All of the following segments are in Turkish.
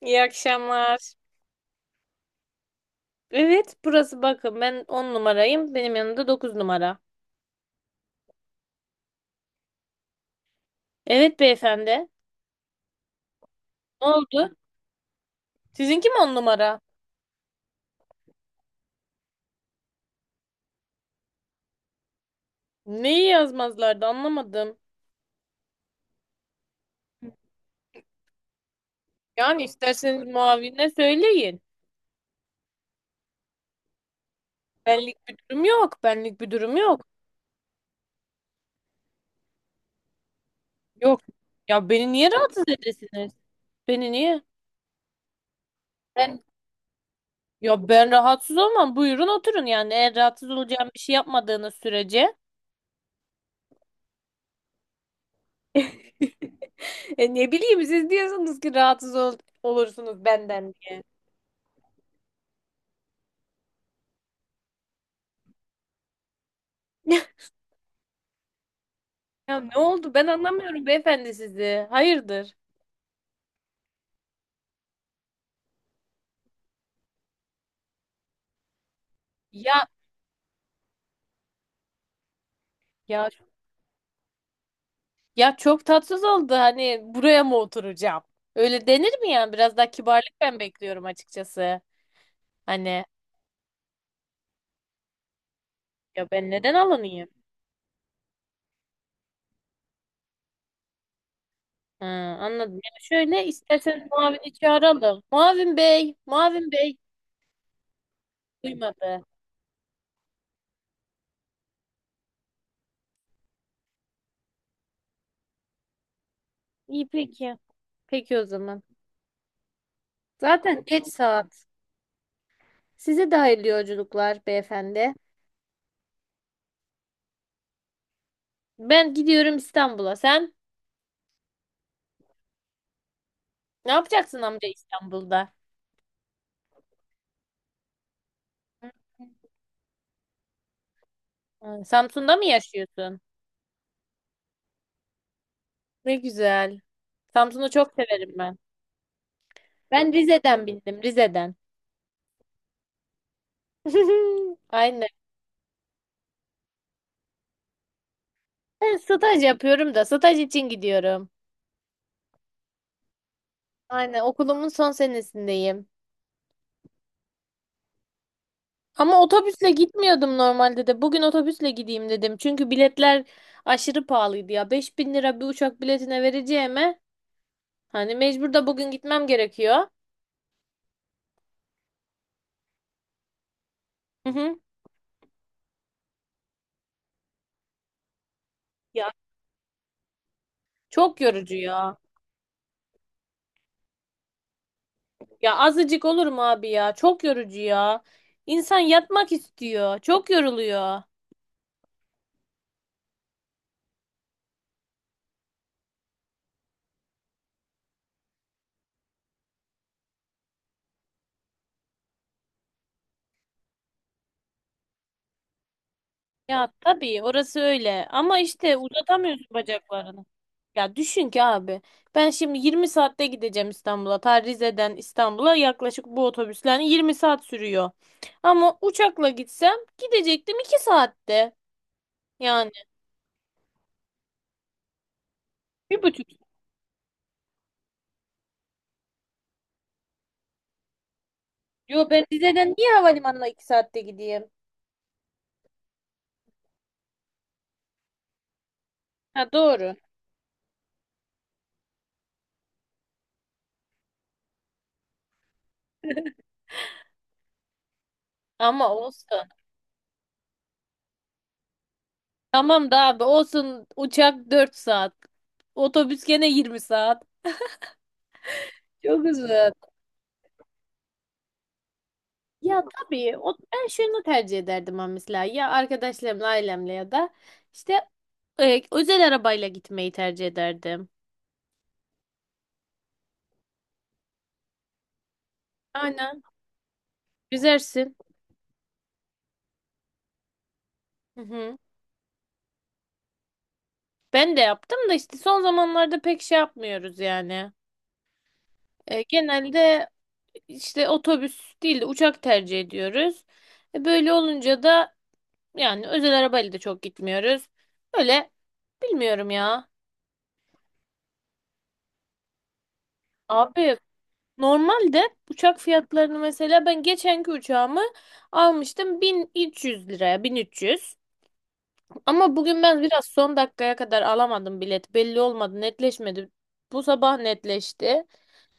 İyi akşamlar. Evet, burası bakın ben 10 numarayım. Benim yanımda 9 numara. Evet beyefendi. Ne oldu? Sizinki mi 10 numara? Neyi yazmazlardı anlamadım. Yani isterseniz muavine söyleyin. Benlik bir durum yok. Benlik bir durum yok. Yok. Ya beni niye rahatsız edesiniz? Beni niye? Ben ya ben rahatsız olmam. Buyurun oturun yani. Eğer rahatsız olacağım bir şey yapmadığınız sürece. E ne bileyim siz diyorsunuz ki rahatsız olursunuz benden. Ya ne oldu? Ben anlamıyorum beyefendi sizi. Hayırdır? Ya ya ya, çok tatsız oldu. Hani buraya mı oturacağım? Öyle denir mi yani? Biraz daha kibarlık ben bekliyorum açıkçası. Hani ya ben neden alınayım? Ha, anladım. Ya şöyle isterseniz Mavin'i çağıralım. Mavin Bey, Mavin Bey duymadı. İyi peki. Peki o zaman. Zaten geç saat. Size de hayırlı yolculuklar beyefendi. Ben gidiyorum İstanbul'a. Sen ne yapacaksın amca İstanbul'da? Ha, Samsun'da mı yaşıyorsun? Ne güzel. Samsun'u çok severim ben. Ben Rize'den bildim, Rize'den. Aynen. Ben staj yapıyorum da staj için gidiyorum. Aynen okulumun son senesindeyim. Ama otobüsle gitmiyordum normalde de. Bugün otobüsle gideyim dedim. Çünkü biletler aşırı pahalıydı ya. 5000 lira bir uçak biletine vereceğime hani mecbur da bugün gitmem gerekiyor. Hı hı. Ya çok yorucu ya. Ya azıcık olur mu abi ya? Çok yorucu ya. İnsan yatmak istiyor. Çok yoruluyor. Ya tabii orası öyle. Ama işte uzatamıyorsun bacaklarını. Ya düşün ki abi. Ben şimdi 20 saatte gideceğim İstanbul'a. Ta Rize'den İstanbul'a yaklaşık bu otobüsler 20 saat sürüyor. Ama uçakla gitsem gidecektim 2 saatte. Yani bir buçuk. Yo ben Rize'den niye havalimanına 2 saatte gideyim? Ha doğru. Ama olsun. Tamam da abi olsun uçak 4 saat. Otobüs gene 20 saat. Çok uzun. Ya tabii o, ben şunu tercih ederdim ama mesela ya arkadaşlarımla ailemle ya da işte özel arabayla gitmeyi tercih ederdim. Aynen. Güzelsin. Hı hı. Ben de yaptım da işte son zamanlarda pek şey yapmıyoruz yani. E, genelde işte otobüs değil de uçak tercih ediyoruz. E, böyle olunca da yani özel arabayla da çok gitmiyoruz. Öyle bilmiyorum ya. Abi normalde uçak fiyatlarını mesela ben geçenki uçağımı almıştım 1300 liraya 1300. Ama bugün ben biraz son dakikaya kadar alamadım bilet. Belli olmadı, netleşmedi. Bu sabah netleşti.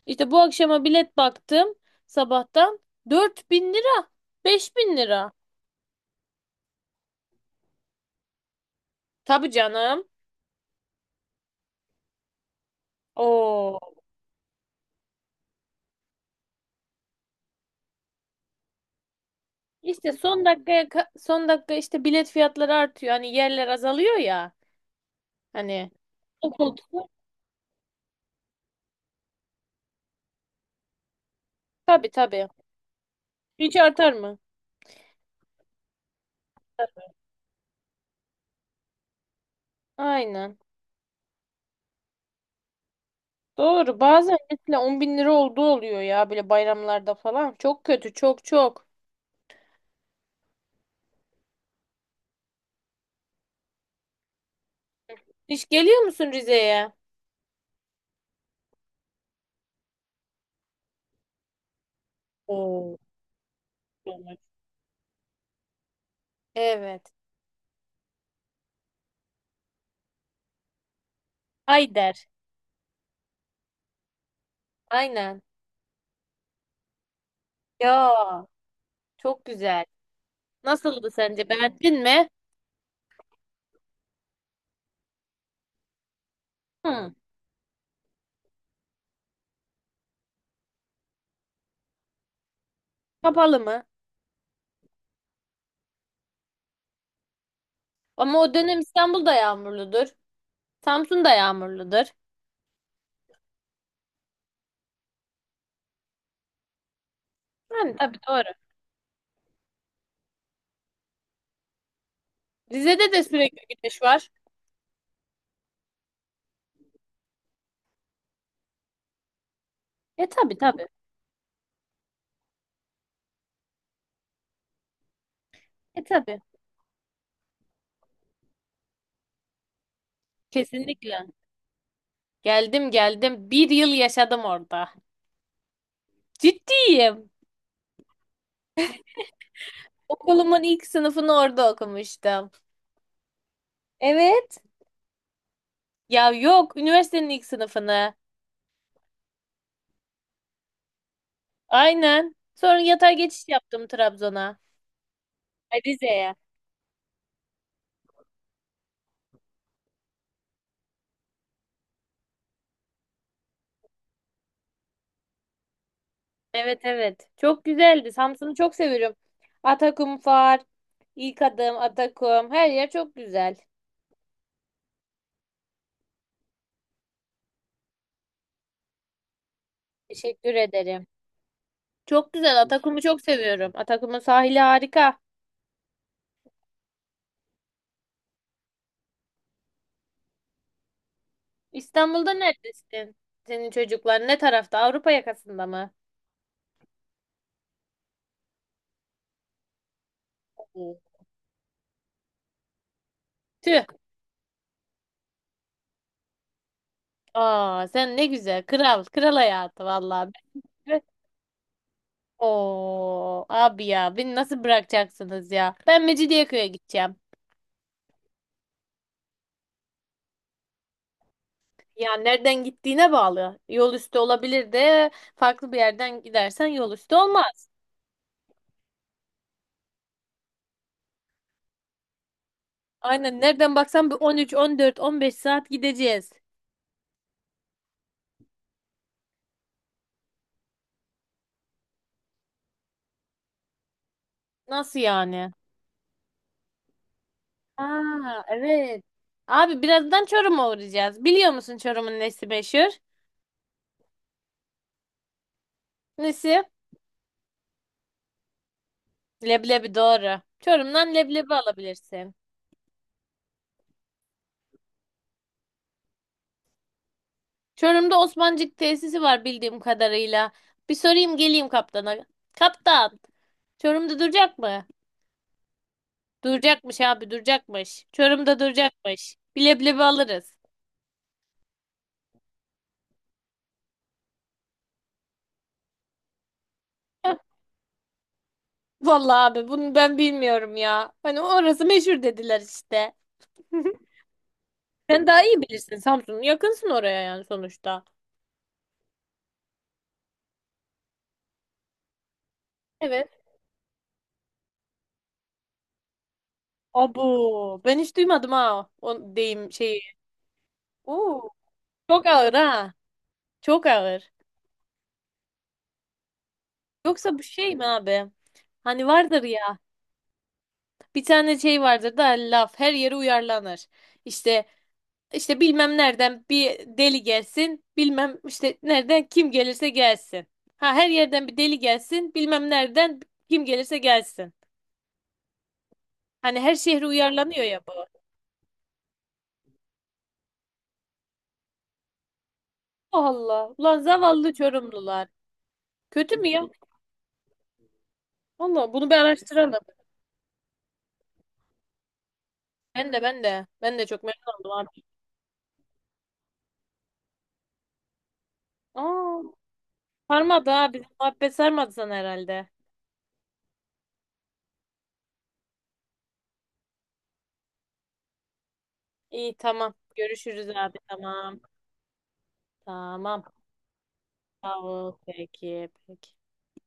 İşte bu akşama bilet baktım sabahtan 4000 lira, 5000 lira. Tabii canım. Oo. İşte son dakika işte bilet fiyatları artıyor. Hani yerler azalıyor ya. Hani o koltuk tabii tabii. Hiç artar mı? Aynen. Doğru. Bazen mesela 10.000 lira olduğu oluyor ya böyle bayramlarda falan. Çok kötü. Çok çok. Hiç geliyor musun Rize'ye? Oo, evet. Evet. Ayder. Aynen. Ya çok güzel. Nasıldı sence? Beğendin mi? Hı. Kapalı mı? Ama o dönem İstanbul'da yağmurludur. Samsun'da yağmurludur. Yani tabii doğru. Rize'de de sürekli güneş var. E tabii tabii. E tabii. Kesinlikle. Geldim geldim. Bir yıl yaşadım orada. Ciddiyim. Okulumun ilk sınıfını orada okumuştum. Evet. Ya yok, üniversitenin ilk sınıfını. Aynen. Sonra yatay geçiş yaptım Trabzon'a. Ay, Rize'ye. Evet evet. Çok güzeldi. Samsun'u çok seviyorum. Atakum ilk Adım, Atakum. Her yer çok güzel. Teşekkür ederim. Çok güzel. Atakum'u çok seviyorum. Atakum'un sahili harika. İstanbul'da neredesin? Senin çocuklar ne tarafta? Avrupa yakasında mı? Tüh. Aa, sen ne güzel. Kral. Kral hayatı vallahi. Ben- Oo, abi ya beni nasıl bırakacaksınız ya? Ben Mecidiyeköy'e gideceğim. Ya nereden gittiğine bağlı. Yol üstü olabilir de farklı bir yerden gidersen yol üstü olmaz. Aynen nereden baksan bir 13, 14, 15 saat gideceğiz. Nasıl yani? Aa, evet. Abi birazdan Çorum'a uğrayacağız. Biliyor musun Çorum'un nesi meşhur? Nesi? Leblebi doğru. Çorum'dan leblebi alabilirsin. Çorum'da Osmancık tesisi var bildiğim kadarıyla. Bir sorayım geleyim kaptana. Kaptan, Çorum'da duracak mı? Duracakmış abi, duracakmış. Çorum'da duracakmış. Bileblebi alırız. Vallahi abi bunu ben bilmiyorum ya. Hani orası meşhur dediler işte. Sen daha iyi bilirsin Samsun. Yakınsın oraya yani sonuçta. Evet. Abu, ben hiç duymadım ha o deyim şeyi. Oo, çok ağır ha. Çok ağır. Yoksa bu şey mi abi? Hani vardır ya. Bir tane şey vardır da laf her yere uyarlanır. İşte işte bilmem nereden bir deli gelsin, bilmem işte nereden kim gelirse gelsin. Ha her yerden bir deli gelsin, bilmem nereden kim gelirse gelsin. Hani her şehre uyarlanıyor ya bu. Allah ulan zavallı Çorumlular. Kötü mü ya? Allah bunu bir araştıralım. Ben de çok memnun oldum abi. Aa, sarmadı ha bizim muhabbet sarmadı sana herhalde. İyi tamam görüşürüz abi tamam. Tamam. Bravo. Peki, peki.